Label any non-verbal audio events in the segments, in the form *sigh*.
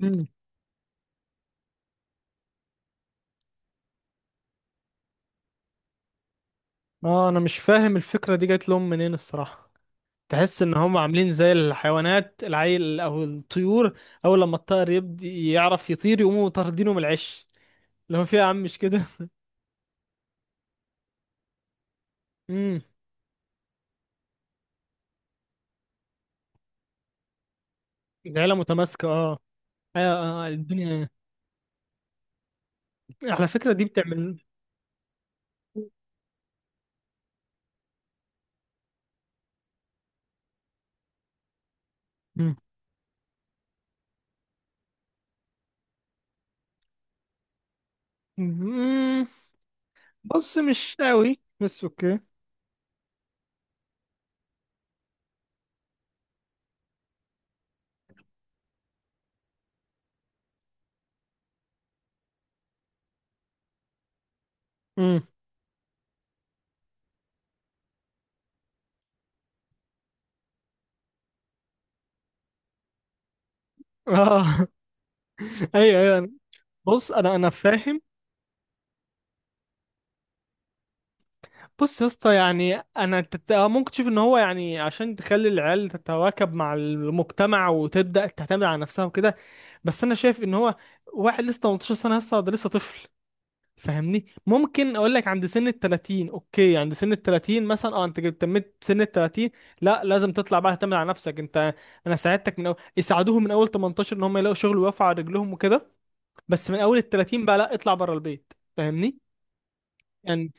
مم. اه انا مش فاهم الفكرة دي جات لهم منين الصراحة. تحس ان هم عاملين زي الحيوانات، العيل او الطيور، اول لما الطائر يبدي يعرف يطير يقوموا طاردينه من العش اللي هو فيه يا عم، مش كده؟ *laughs* امم العيلة متماسكة، اه. الدنيا على فكرة دي بتعمل. مم. مم. بص مش قوي، بس اوكي. مم. اه. *laughs* ايوه ايوه. بص انا فاهم. بص يا اسطى، يعني انا تت... آه ممكن تشوف ان هو، يعني عشان تخلي العيال تتواكب مع المجتمع وتبدا تعتمد على نفسها وكده، بس انا شايف ان هو واحد لسه 18 سنه، لسه ده لسه طفل. فاهمني؟ ممكن اقول لك عند سن ال 30، اوكي، عند سن ال 30 مثلا، اه انت جبت- تميت سن ال 30، لا لازم تطلع بقى تعتمد على نفسك انت. انا ساعدتك من اول، يساعدوهم من اول 18 ان هم يلاقوا شغل ويقفوا على رجلهم وكده، بس من اول ال 30 بقى لا اطلع بره البيت. فاهمني؟ يعني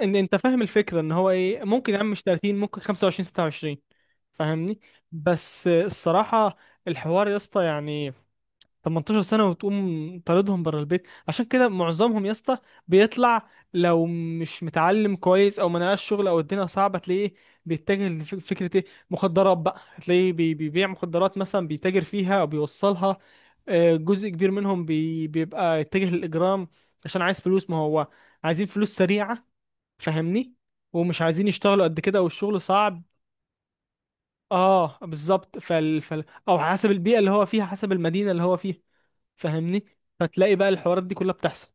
ان انت فاهم الفكره، ان هو ايه، ممكن يا عم مش 30، ممكن 25، 26. فاهمني؟ بس الصراحه الحوار يا اسطى، 18 سنه وتقوم طاردهم بره البيت، عشان كده معظمهم يا اسطى بيطلع لو مش متعلم كويس او ما نقاش شغل او الدنيا صعبه، تلاقيه بيتجه لفكره ايه، مخدرات بقى، تلاقيه بيبيع مخدرات مثلا، بيتاجر فيها او بيوصلها. آه، جزء كبير منهم بيبقى يتجه للاجرام، عشان عايز فلوس، ما هو عايزين فلوس سريعة. فاهمني؟ ومش عايزين يشتغلوا قد كده، والشغل صعب. اه بالظبط، او حسب البيئة اللي هو فيها، حسب المدينة اللي هو فيها. فاهمني؟ فتلاقي بقى الحوارات دي كلها بتحصل.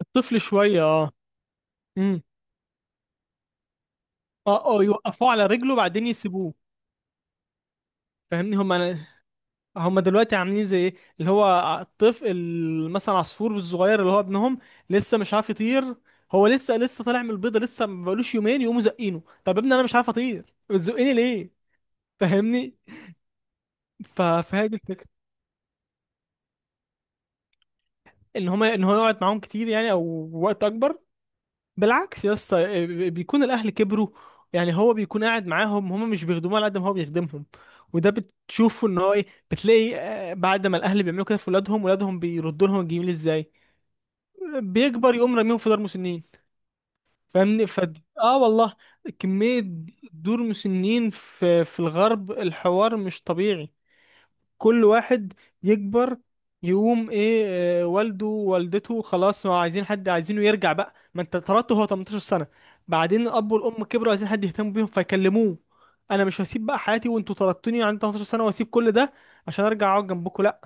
الطفل شوية، اه. امم. اه اه، يوقفوه على رجله بعدين يسيبوه. فاهمني؟ هم هم دلوقتي عاملين زي ايه، اللي هو الطفل مثلا عصفور الصغير اللي هو ابنهم، لسه مش عارف يطير، هو لسه طالع من البيضه، لسه ما بقالوش يومين يقوموا زقينه. طب يا ابني انا مش عارف اطير، بتزقيني ليه؟ فاهمني؟ فهي دي الفكره، ان هو يقعد معاهم كتير يعني، او وقت اكبر. بالعكس يا اسطى، بيكون الاهل كبروا، يعني هو بيكون قاعد معاهم، هما مش بيخدموه على قد ما هو بيخدمهم. وده بتشوفه ان هو ايه، بتلاقي آه، بعد ما الاهل بيعملوا كده في ولادهم، ولادهم بيردوا لهم الجميل ازاي، بيكبر يقوم راميهم في دار مسنين. فاهمني؟ ف اه والله، كمية دور مسنين في الغرب الحوار مش طبيعي. كل واحد يكبر يقوم ايه، آه، والده ووالدته خلاص ما عايزين حد، عايزينه يرجع بقى، ما انت اتطردت هو 18 سنة، بعدين الاب والام كبروا عايزين حد يهتم بيهم، فيكلموه، انا مش هسيب بقى حياتي وانتوا طردتوني عندي 18 سنة، واسيب كل ده عشان ارجع اقعد جنبكم، لا،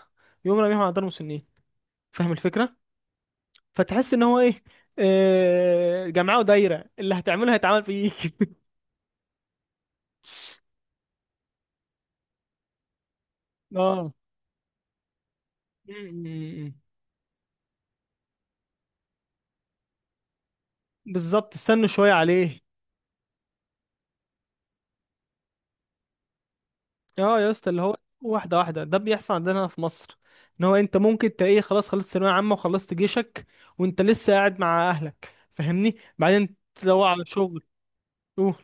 يقوم راميهم على دار مسنين. فاهم الفكرة؟ فتحس ان هو ايه، آه جمعوا دايرة، اللي هتعمله هيتعمل فيك. *laughs* اه. م- م- م. بالظبط، استنوا شوية عليه. اه يا اسطى، اللي هو واحده واحده، ده بيحصل عندنا هنا في مصر، ان هو انت ممكن تلاقيه خلاص خلصت ثانويه عامه وخلصت جيشك وانت لسه قاعد مع اهلك، فاهمني، بعدين تدور على شغل. اوه.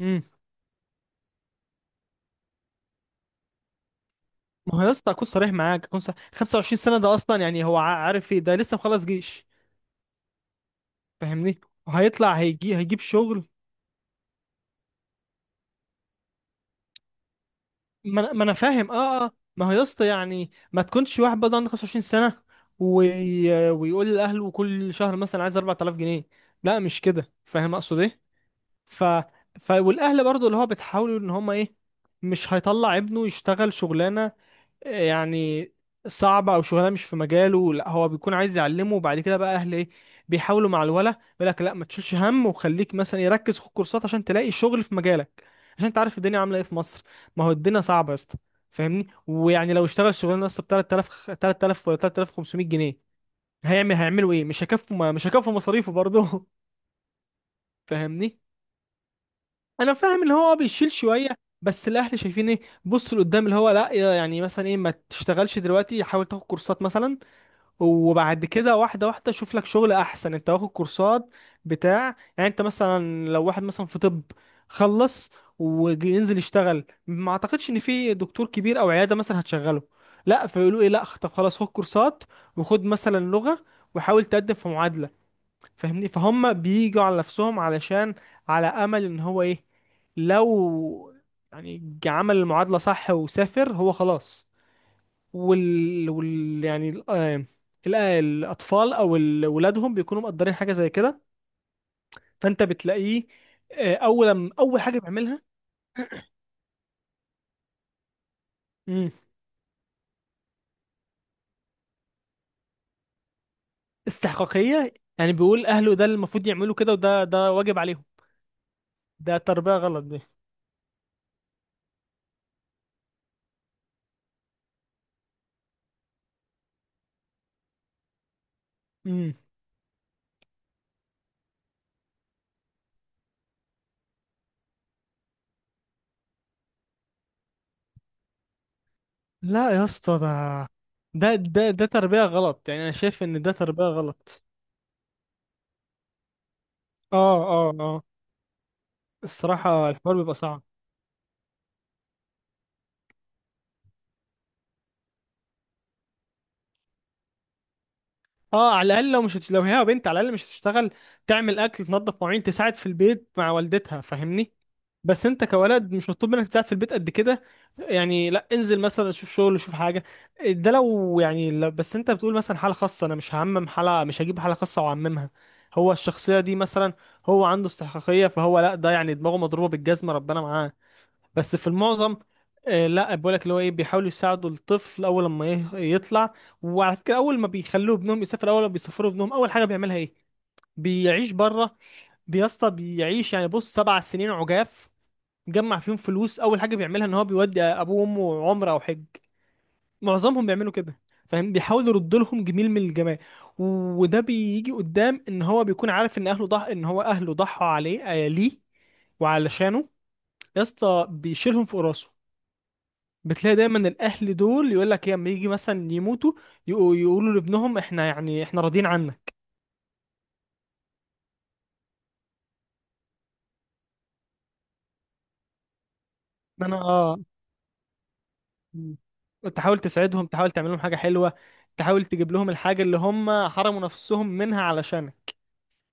امم. ما هو يا اسطى، اكون صريح معاك، اكون صريح، 25 سنه ده اصلا يعني هو عارف ايه، ده لسه مخلص جيش. فاهمني؟ وهيطلع هيجيب شغل. ما انا ما أنا فاهم اه اه، ما هو يا اسطى يعني ما تكونش واحد برضه عنده 25 سنه ويقول لاهله كل شهر مثلا عايز 4000 جنيه، لا مش كده، فاهم اقصد ايه؟ ف... ف والاهل برضو اللي هو بتحاولوا ان هم ايه، مش هيطلع ابنه يشتغل شغلانه آه، يعني صعبه، او شغلانه مش في مجاله، لا هو بيكون عايز يعلمه، وبعد كده بقى اهل ايه، بيحاولوا مع الولا، يقول لك لا ما تشيلش هم، وخليك مثلا يركز في الكورسات عشان تلاقي شغل في مجالك، عشان انت عارف الدنيا عامله ايه في مصر. ما هو الدنيا صعبه يا اسطى. فاهمني؟ ويعني لو اشتغل شغلانه اصلا ب 3000، 3000 ولا 3500 جنيه، هيعملوا ايه، مش هيكفوا مصاريفه برضه. *laughs* فاهمني؟ انا فاهم اللي هو آه بيشيل شويه، بس الاهل شايفين ايه، بص لقدام، اللي هو لا، يعني مثلا ايه، ما تشتغلش دلوقتي، حاول تاخد كورسات مثلا، وبعد كده واحده واحده شوف لك شغل احسن انت واخد كورسات بتاع يعني انت مثلا لو واحد مثلا في طب، خلص وينزل يشتغل، ما اعتقدش ان في دكتور كبير او عياده مثلا هتشغله، لا فيقولوا ايه، لا طب خلاص خد كورسات، وخد مثلا لغه، وحاول تقدم في معادله. فاهمني؟ فهم بيجوا على نفسهم علشان، على امل ان هو ايه، لو يعني عمل المعادله صح وسافر هو خلاص، وال, وال... يعني ال... آه، ال- آه، الاطفال او ولادهم بيكونوا مقدرين حاجه زي كده. فانت بتلاقيه آه، اول اول حاجه بيعملها. مم. استحقاقيه يعني، بيقول اهله ده اللي المفروض يعملوا كده، وده واجب عليهم. ده تربيه غلط دي. مم. لا يا اسطى ده ده تربيه غلط، يعني انا شايف ان ده تربيه غلط. اه اه اه، الصراحة الحوار بيبقى صعب. اه على الأقل، لو مش هت... لو هي بنت، على الأقل مش هتشتغل، تعمل أكل، تنظف مواعين، تساعد في البيت مع والدتها. فاهمني؟ بس انت كولد مش مطلوب منك تساعد في البيت قد كده، يعني لا انزل مثلا شوف شغل، شوف حاجة. ده لو يعني، لا بس انت بتقول مثلا حالة خاصة، انا مش هعمم حالة، مش هجيب حالة خاصة واعممها. هو الشخصية دي مثلا هو عنده استحقاقية، فهو لا ده يعني دماغه مضروبة بالجزمة، ربنا معاه، بس في المعظم آه، لا بقول لك اللي هو ايه، بيحاولوا يساعدوا الطفل اول لما يطلع. وعلى فكره اول ما بيخلوه ابنهم يسافر، اول ما بيسافروا ابنهم اول حاجه بيعملها ايه، بيعيش بره، بيسطى بيعيش، يعني بص سبع سنين عجاف جمع فيهم فلوس، اول حاجه بيعملها ان هو بيودي ابوه وامه عمره او حج. معظمهم بيعملوا كده. فاهم؟ بيحاولوا يردوا لهم جميل من الجمال، وده بيجي قدام، ان هو بيكون عارف ان اهله ان هو اهله ضحوا عليه آه، ليه، وعلشانه، يا اسطى بيشيلهم في راسه. بتلاقي دايما الاهل دول يقول لك إيه، لما يجي مثلا يموتوا، يقولوا لابنهم، احنا احنا راضيين عنك. إن انا اه. مم. تحاول تساعدهم، تحاول تعمل لهم حاجه حلوه، تحاول تجيب لهم الحاجه اللي هم حرموا نفسهم منها علشانك.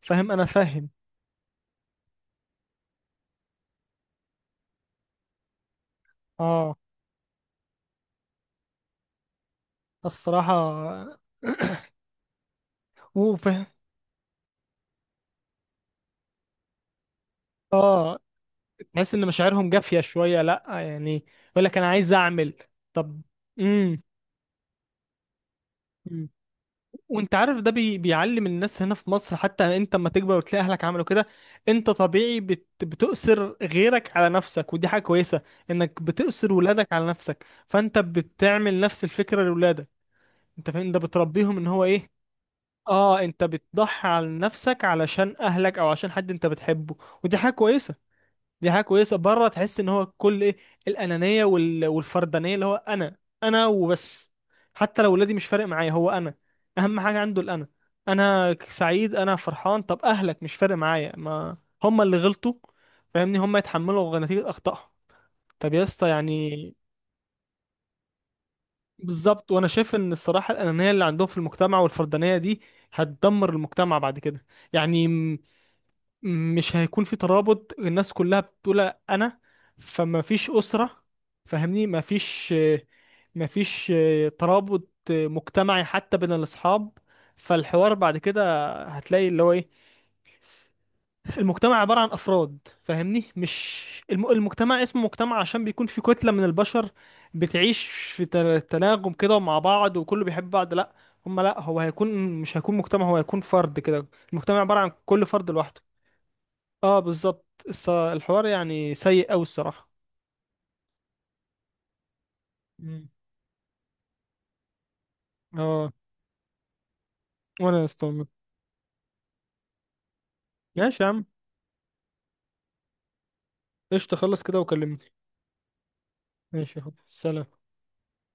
فاهم؟ انا فاهم. اه الصراحه. *coughs* وفاهم. اه تحس ان مشاعرهم جافيه شويه، لا يعني يقول لك انا عايز اعمل. طب. امم. وانت عارف ده بيعلم الناس هنا في مصر، حتى انت اما تكبر وتلاقي اهلك عملوا كده، انت طبيعي بتؤثر غيرك على نفسك، ودي حاجة كويسة، انك بتؤثر ولادك على نفسك، فانت بتعمل نفس الفكرة لولادك. انت فاهم؟ ده بتربيهم ان هو ايه، اه انت بتضحي على نفسك علشان اهلك او عشان حد انت بتحبه، ودي حاجة كويسة. دي حاجه كويسه. بره تحس ان هو كل ايه، الانانيه والفردانيه، اللي هو انا، انا وبس، حتى لو ولادي مش فارق معايا، هو انا اهم حاجه عنده، الانا، انا سعيد، انا فرحان، طب اهلك مش فارق معايا، ما هم اللي غلطوا، فاهمني، هم يتحملوا نتيجه اخطائهم. طب يا اسطى يعني. بالظبط، وانا شايف ان الصراحه الانانيه اللي عندهم في المجتمع والفردانيه دي هتدمر المجتمع بعد كده، يعني مش هيكون في ترابط، الناس كلها بتقول انا، فما فيش اسره، فاهمني، ما فيش ما فيش ترابط مجتمعي حتى بين الاصحاب. فالحوار بعد كده هتلاقي اللي هو ايه، المجتمع عباره عن افراد، فاهمني مش، المجتمع اسمه مجتمع عشان بيكون في كتله من البشر بتعيش في تناغم كده مع بعض وكله بيحب بعض، لا، هم لا هو هيكون، مش هيكون مجتمع، هو هيكون فرد كده، المجتمع عباره عن كل فرد لوحده. اه بالظبط. الحوار يعني سيء أوي الصراحة. مم. اه وانا استعمل. ماشي يا عم، قشطة خلص كده وكلمني. ماشي يا حبيبي سلام.